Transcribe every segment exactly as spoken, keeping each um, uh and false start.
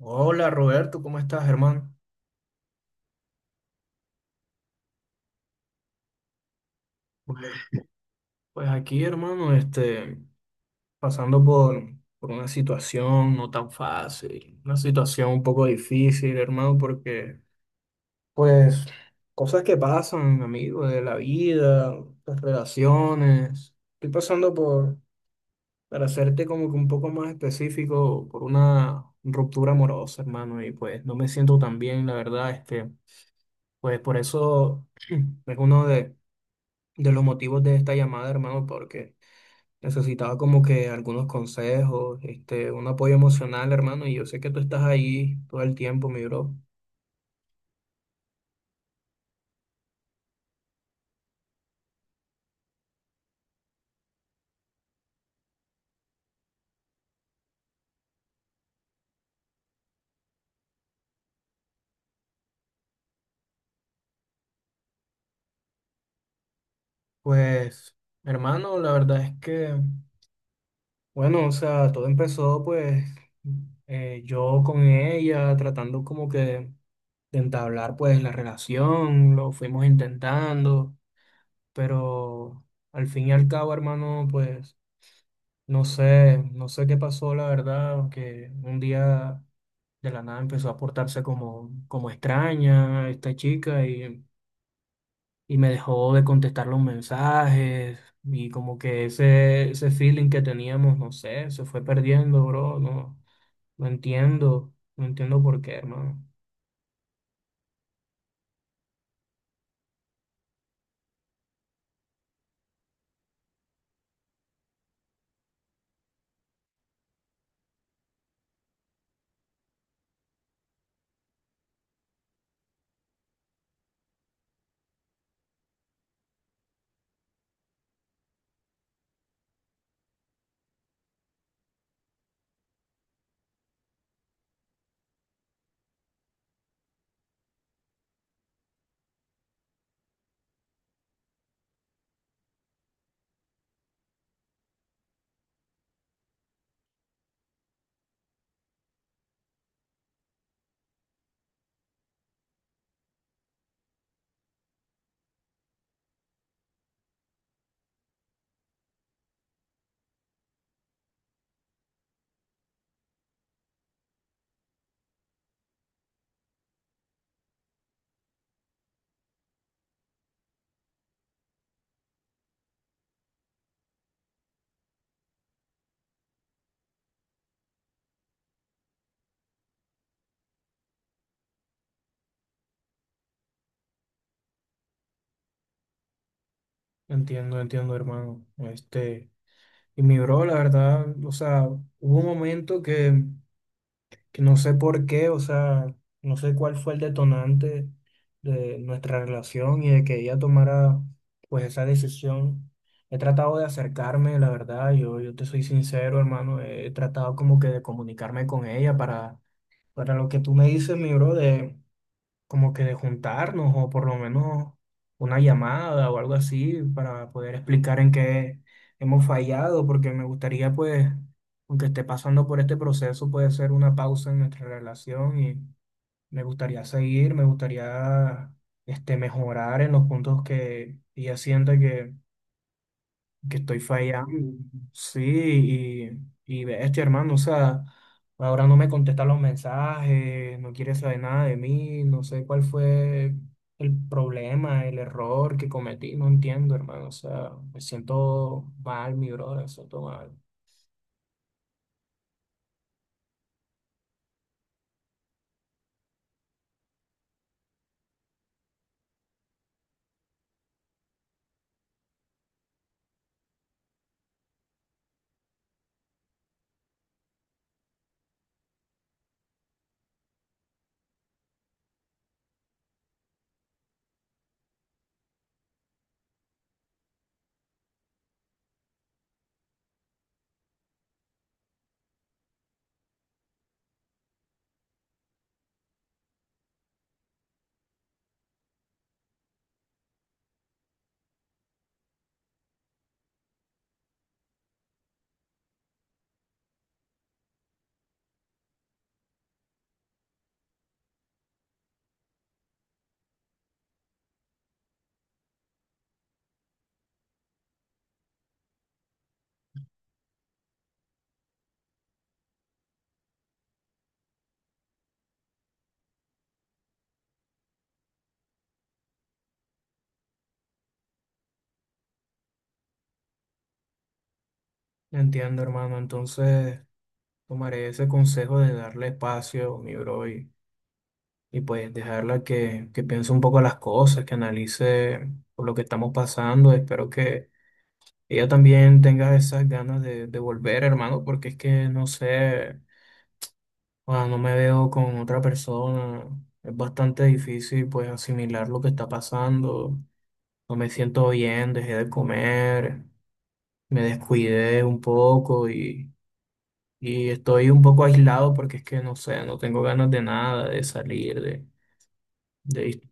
Hola Roberto, ¿cómo estás, hermano? Pues pues aquí, hermano, este, pasando por, por una situación no tan fácil, una situación un poco difícil, hermano, porque, pues, cosas que pasan, amigo, de la vida, las relaciones. Estoy pasando por, para hacerte como que un poco más específico, por una ruptura amorosa, hermano, y pues no me siento tan bien, la verdad, este, pues por eso es uno de de los motivos de esta llamada, hermano, porque necesitaba como que algunos consejos, este, un apoyo emocional, hermano, y yo sé que tú estás ahí todo el tiempo, mi bro. Pues, hermano, la verdad es que, bueno, o sea, todo empezó pues eh, yo con ella tratando como que de entablar pues la relación, lo fuimos intentando, pero al fin y al cabo, hermano, pues no sé, no sé qué pasó, la verdad, que un día de la nada empezó a portarse como, como extraña esta chica y, y me dejó de contestar los mensajes y como que ese, ese feeling que teníamos, no sé, se fue perdiendo, bro. No, no entiendo, no entiendo por qué, hermano. Entiendo, entiendo, hermano. Este, y mi bro, la verdad, o sea, hubo un momento que que no sé por qué, o sea, no sé cuál fue el detonante de nuestra relación y de que ella tomara pues esa decisión. He tratado de acercarme, la verdad, yo, yo te soy sincero, hermano, he tratado como que de comunicarme con ella para, para lo que tú me dices, mi bro, como que de juntarnos o por lo menos una llamada o algo así para poder explicar en qué hemos fallado, porque me gustaría pues, aunque esté pasando por este proceso, puede ser una pausa en nuestra relación y me gustaría seguir, me gustaría este, mejorar en los puntos que ella sienta que que estoy fallando. Sí, y, y bestia, hermano, o sea, ahora no me contesta los mensajes, no quiere saber nada de mí, no sé cuál fue el problema, el error que cometí, no entiendo, hermano, o sea, me siento mal, mi brother, me siento mal. Entiendo, hermano, entonces tomaré ese consejo de darle espacio, mi bro, y, y pues dejarla que, que piense un poco las cosas, que analice por lo que estamos pasando, espero que ella también tenga esas ganas de, de volver, hermano, porque es que no sé, cuando no me veo con otra persona, es bastante difícil pues asimilar lo que está pasando, no me siento bien, dejé de comer, me descuidé un poco y, y estoy un poco aislado porque es que no sé, no tengo ganas de nada, de salir, de... de...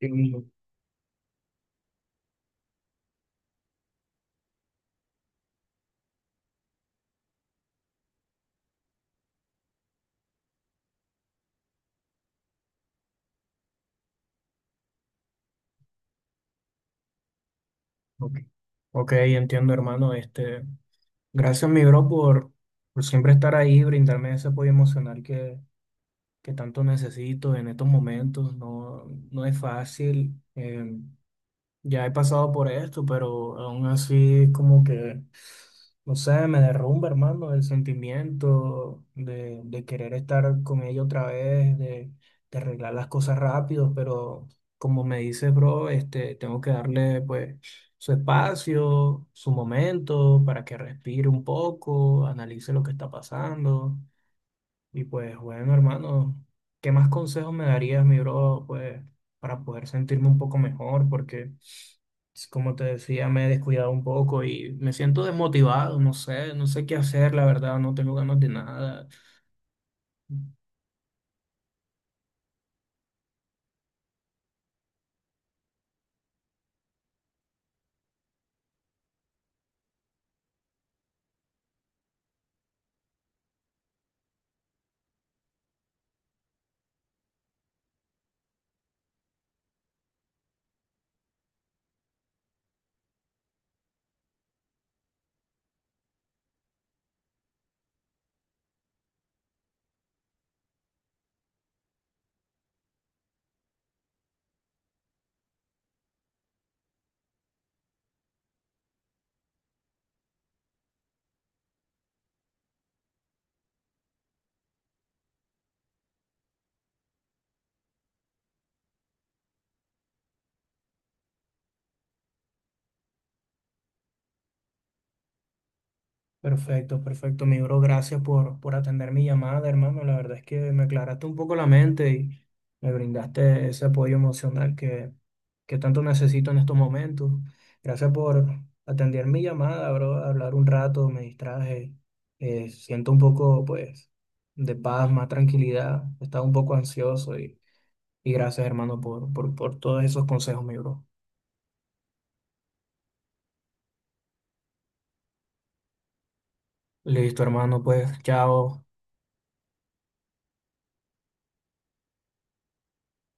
de- Ok, Ok, entiendo, hermano. Este, gracias, mi bro, por, por siempre estar ahí, brindarme ese apoyo emocional que, que tanto necesito en estos momentos. No, no es fácil. Eh, ya he pasado por esto, pero aún así como que, no sé, me derrumba, hermano, el sentimiento de, de querer estar con ella otra vez, de, de arreglar las cosas rápido, pero como me dices, bro, este, tengo que darle pues su espacio, su momento para que respire un poco, analice lo que está pasando. Y pues bueno, hermano, ¿qué más consejos me darías, mi bro, pues para poder sentirme un poco mejor? Porque, s- como te decía, me he descuidado un poco y me siento desmotivado, no sé, no sé qué hacer, la verdad, no tengo ganas de nada. Perfecto, perfecto, mi bro. Gracias por, por atender mi llamada, hermano. La verdad es que me aclaraste un poco la mente y me brindaste ese apoyo emocional que, que tanto necesito en estos momentos. Gracias por atender mi llamada, bro. Hablar un rato, me distraje. Eh, siento un poco, pues, de paz, más tranquilidad. Estaba un poco ansioso y, y gracias, hermano, por, por, por todos esos consejos, mi bro. Listo, hermano, pues, chao.